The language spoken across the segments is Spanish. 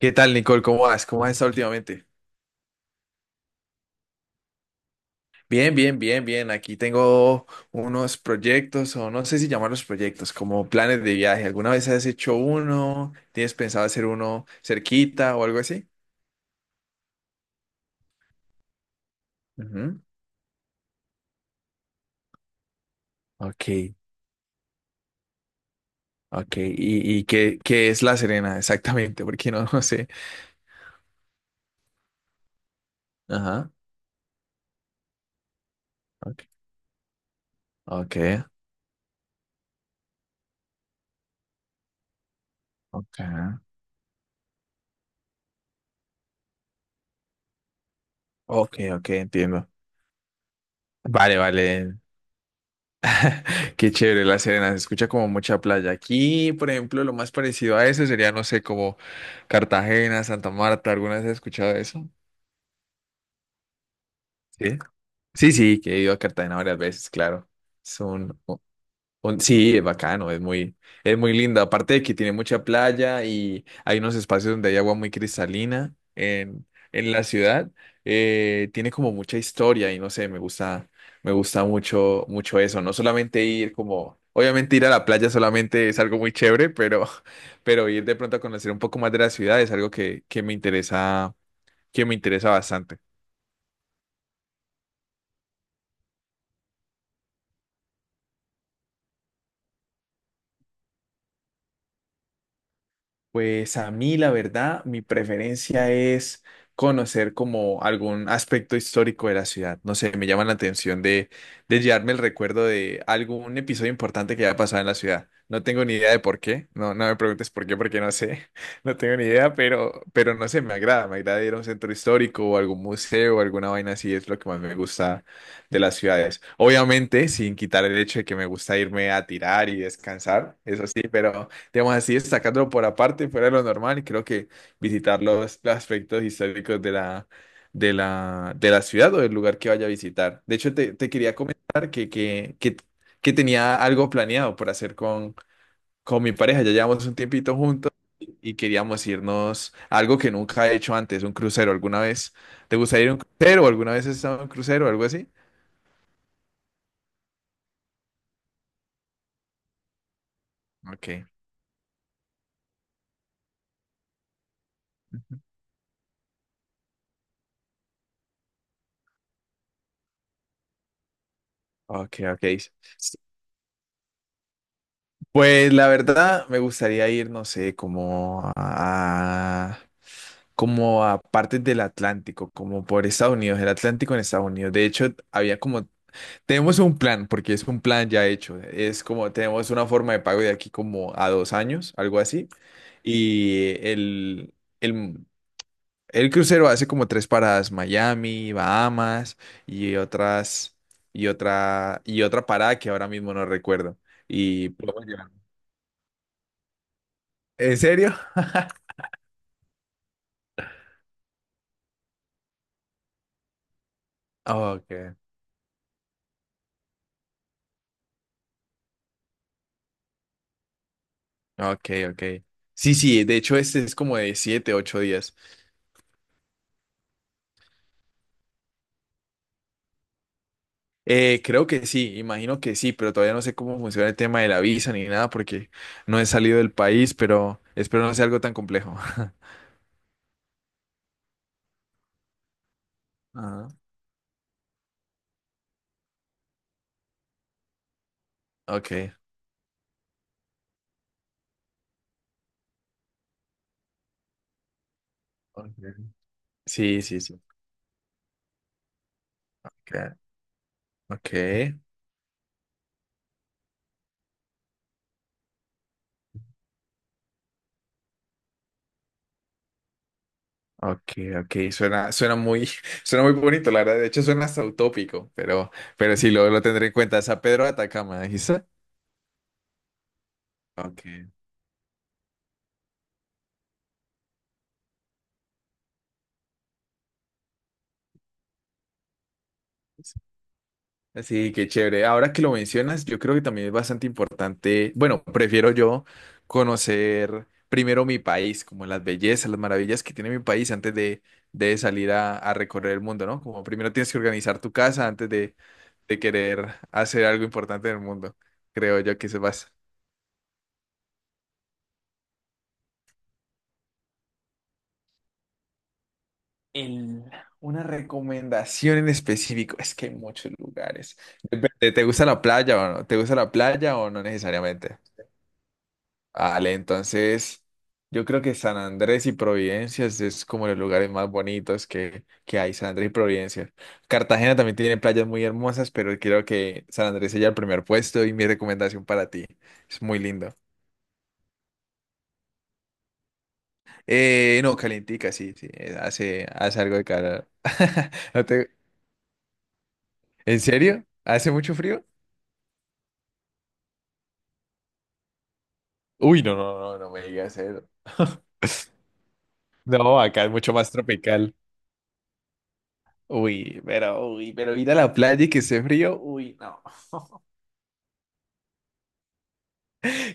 ¿Qué tal, Nicole? ¿Cómo vas? ¿Cómo has estado últimamente? Bien, bien, bien, bien. Aquí tengo unos proyectos, o no sé si llamarlos proyectos, como planes de viaje. ¿Alguna vez has hecho uno? ¿Tienes pensado hacer uno cerquita o algo así? Ujú. Ok, ok. ¿Y qué es La Serena exactamente? Porque no, no sé. Ajá. Ok, ok, ok. Ok, ok, entiendo. Vale, vale. Qué chévere La Serena, se escucha como mucha playa. Aquí, por ejemplo, lo más parecido a eso sería, no sé, como Cartagena, Santa Marta. ¿Alguna vez has escuchado eso? Sí. Sí, sí, que he ido a Cartagena varias veces, claro. Es un, Sí, es bacano, es muy lindo. Aparte de que tiene mucha playa y hay unos espacios donde hay agua muy cristalina en la ciudad, tiene como mucha historia y no sé, me gusta mucho, mucho eso. No solamente ir como, obviamente ir a la playa solamente es algo muy chévere, pero ir de pronto a conocer un poco más de la ciudad es algo que me interesa bastante. Pues a mí, la verdad, mi preferencia es conocer como algún aspecto histórico de la ciudad. No sé, me llama la atención de llevarme el recuerdo de algún episodio importante que haya pasado en la ciudad. No tengo ni idea de por qué. No, no me preguntes por qué, porque no sé. No tengo ni idea, pero no sé, me agrada. Me agrada ir a un centro histórico o algún museo o alguna vaina así. Es lo que más me gusta de las ciudades. Obviamente, sin quitar el hecho de que me gusta irme a tirar y descansar, eso sí, pero digamos así, sacándolo por aparte, fuera de lo normal, y creo que visitar los aspectos históricos de la ciudad o del lugar que vaya a visitar. De hecho, te quería comentar que tenía algo planeado por hacer con mi pareja. Ya llevamos un tiempito juntos y queríamos irnos a algo que nunca he hecho antes, un crucero. ¿Alguna vez te gustaría ir a un crucero? O ¿alguna vez has estado en un crucero o algo así? Ok. Ujú. Ok, ok. Pues la verdad me gustaría ir, no sé, como a partes del Atlántico, como por Estados Unidos, el Atlántico en Estados Unidos. De hecho, había como, tenemos un plan, porque es un plan ya hecho. Es como, tenemos una forma de pago de aquí como a dos años, algo así. Y el, el, el crucero hace como tres paradas, Miami, Bahamas y otras, y otra parada que ahora mismo no recuerdo. Y podemos llevar. ¿En serio? Ah, okay. Ah, okay, okay. Sí, sí, de hecho este es como de siete, ocho días. Creo que sí, imagino que sí, pero todavía no sé cómo funciona el tema de la visa ni nada porque no he salido del país, pero espero no sea algo tan complejo. Ah, okay, okay. Sí, sí, sí. cla- Okay, okay, okay. Suena muy, suena muy bonito, la verdad. De hecho, suena hasta utópico, pero sí, lo tendré en cuenta. San Pedro de Atacama, dijiste. Okay. Sí, qué chévere. Ahora que lo mencionas, yo creo que también es bastante importante, bueno, prefiero yo conocer primero mi país, como las bellezas, las maravillas que tiene mi país antes de salir a recorrer el mundo, ¿no? Como primero tienes que organizar tu casa antes de querer hacer algo importante en el mundo. Creo yo que se basa. El, una recomendación en específico, es que hay muchos lugares. Depende, ¿te gusta la playa o no? ¿Te gusta la playa o no necesariamente? Vale, entonces yo creo que San Andrés y Providencia es como los lugares más bonitos que hay, San Andrés y Providencia. Cartagena también tiene playas muy hermosas, pero creo que San Andrés sería el primer puesto y mi recomendación para ti. Es muy lindo. No, calientica, sí, sí, hace algo de calor. No te- ¿En serio? ¿Hace mucho frío? Uy, no, no, no, no me digas eso. No, acá es mucho más tropical. Uy, pero ir a la playa y que esté frío, uy, no.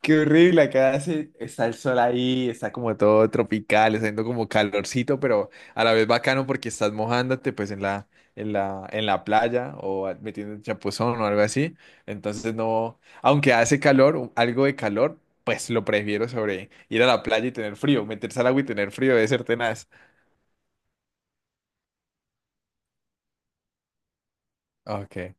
Qué horrible, acá hace, está el sol ahí, está como todo tropical, está haciendo como calorcito, pero a la vez bacano porque estás mojándote pues en la playa o metiendo un chapuzón o algo así. Entonces no, aunque hace calor, algo de calor, pues lo prefiero sobre ir a la playa y tener frío, meterse al agua y tener frío, debe ser tenaz. Ok.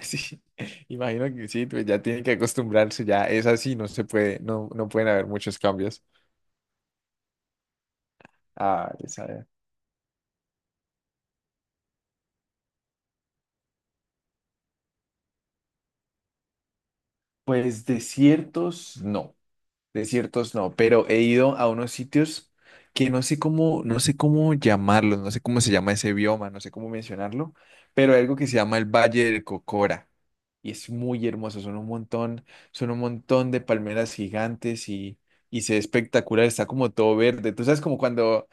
Sí, imagino que sí, pues ya tienen que acostumbrarse, ya es así, no se puede, no, no pueden haber muchos cambios. Ah, pues desiertos no, pero he ido a unos sitios que no sé cómo, no sé cómo llamarlos, no sé cómo se llama ese bioma, no sé cómo mencionarlo, pero hay algo que se llama el Valle del Cocora y es muy hermoso, son un montón de palmeras gigantes y se ve espectacular, está como todo verde. Tú sabes como cuando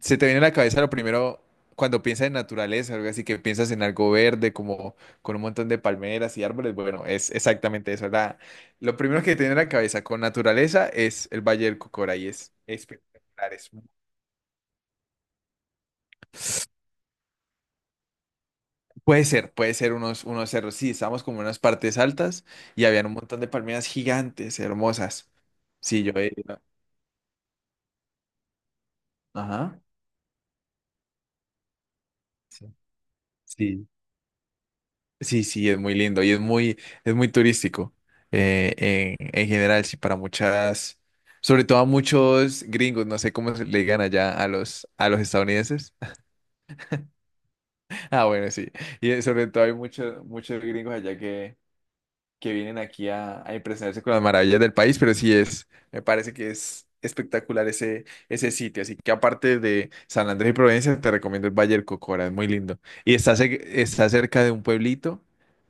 se te viene a la cabeza lo primero cuando piensas en naturaleza, algo así que piensas en algo verde, como con un montón de palmeras y árboles. Bueno, es exactamente eso. Lo primero que te viene a la cabeza con naturaleza es el Valle del Cocora y es espectacular. Es Puede ser, puede ser unos, unos cerros. Sí, estábamos como en unas partes altas y habían un montón de palmeras gigantes, hermosas. Sí, yo he ido. Ajá. Sí. Sí, sí, es muy lindo y es muy turístico, en general, sí, para muchas, sobre todo a muchos gringos, no sé cómo se le digan allá a a los estadounidenses. Ah, bueno, sí, y sobre todo hay muchos, muchos gringos allá que vienen aquí a impresionarse con las maravillas del país, pero sí es, me parece que es espectacular ese, ese sitio, así que aparte de San Andrés y Providencia, te recomiendo el Valle del Cocora, es muy lindo. Y está, está cerca de un pueblito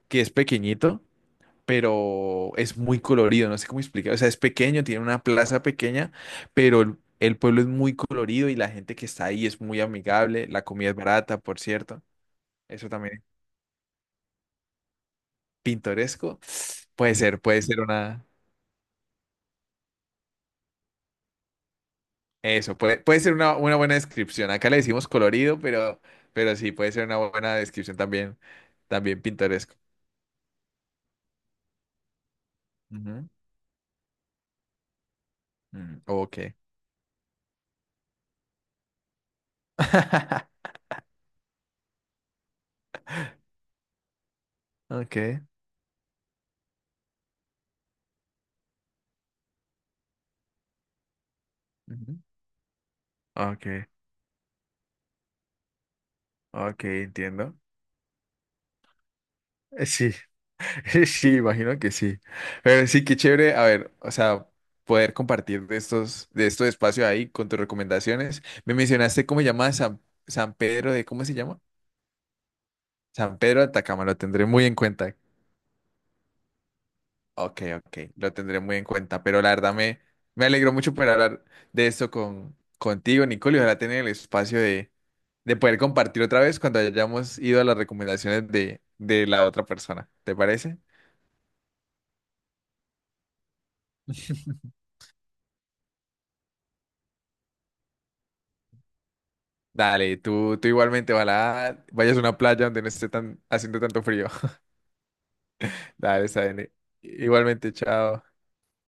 que es pequeñito pero es muy colorido, no sé cómo explicar. O sea, es pequeño, tiene una plaza pequeña, pero el pueblo es muy colorido y la gente que está ahí es muy amigable. La comida es barata, por cierto. Eso también es pintoresco. Puede ser una... Eso, puede, puede ser una buena descripción. Acá le decimos colorido, pero sí, puede ser una buena descripción también, también pintoresco. Ujú. Mm, ok. Ok. Ujú. Ok, ok, entiendo. Sí, sí, imagino que sí. Pero sí, qué chévere, a ver, o sea, poder compartir de estos espacios ahí con tus recomendaciones. Me mencionaste cómo se llama San, San Pedro de, ¿cómo se llama? San Pedro de Atacama, lo tendré muy en cuenta. Ok, ok, lo tendré muy en cuenta, pero me alegró mucho poder hablar de esto con, contigo, Nicole, y ojalá tener el espacio de poder compartir otra vez cuando hayamos ido a las recomendaciones de la otra persona. ¿Te parece? Dale, tú igualmente, ojalá vayas a una playa donde no esté tan, haciendo tanto frío. Dale, está bien. Igualmente, chao.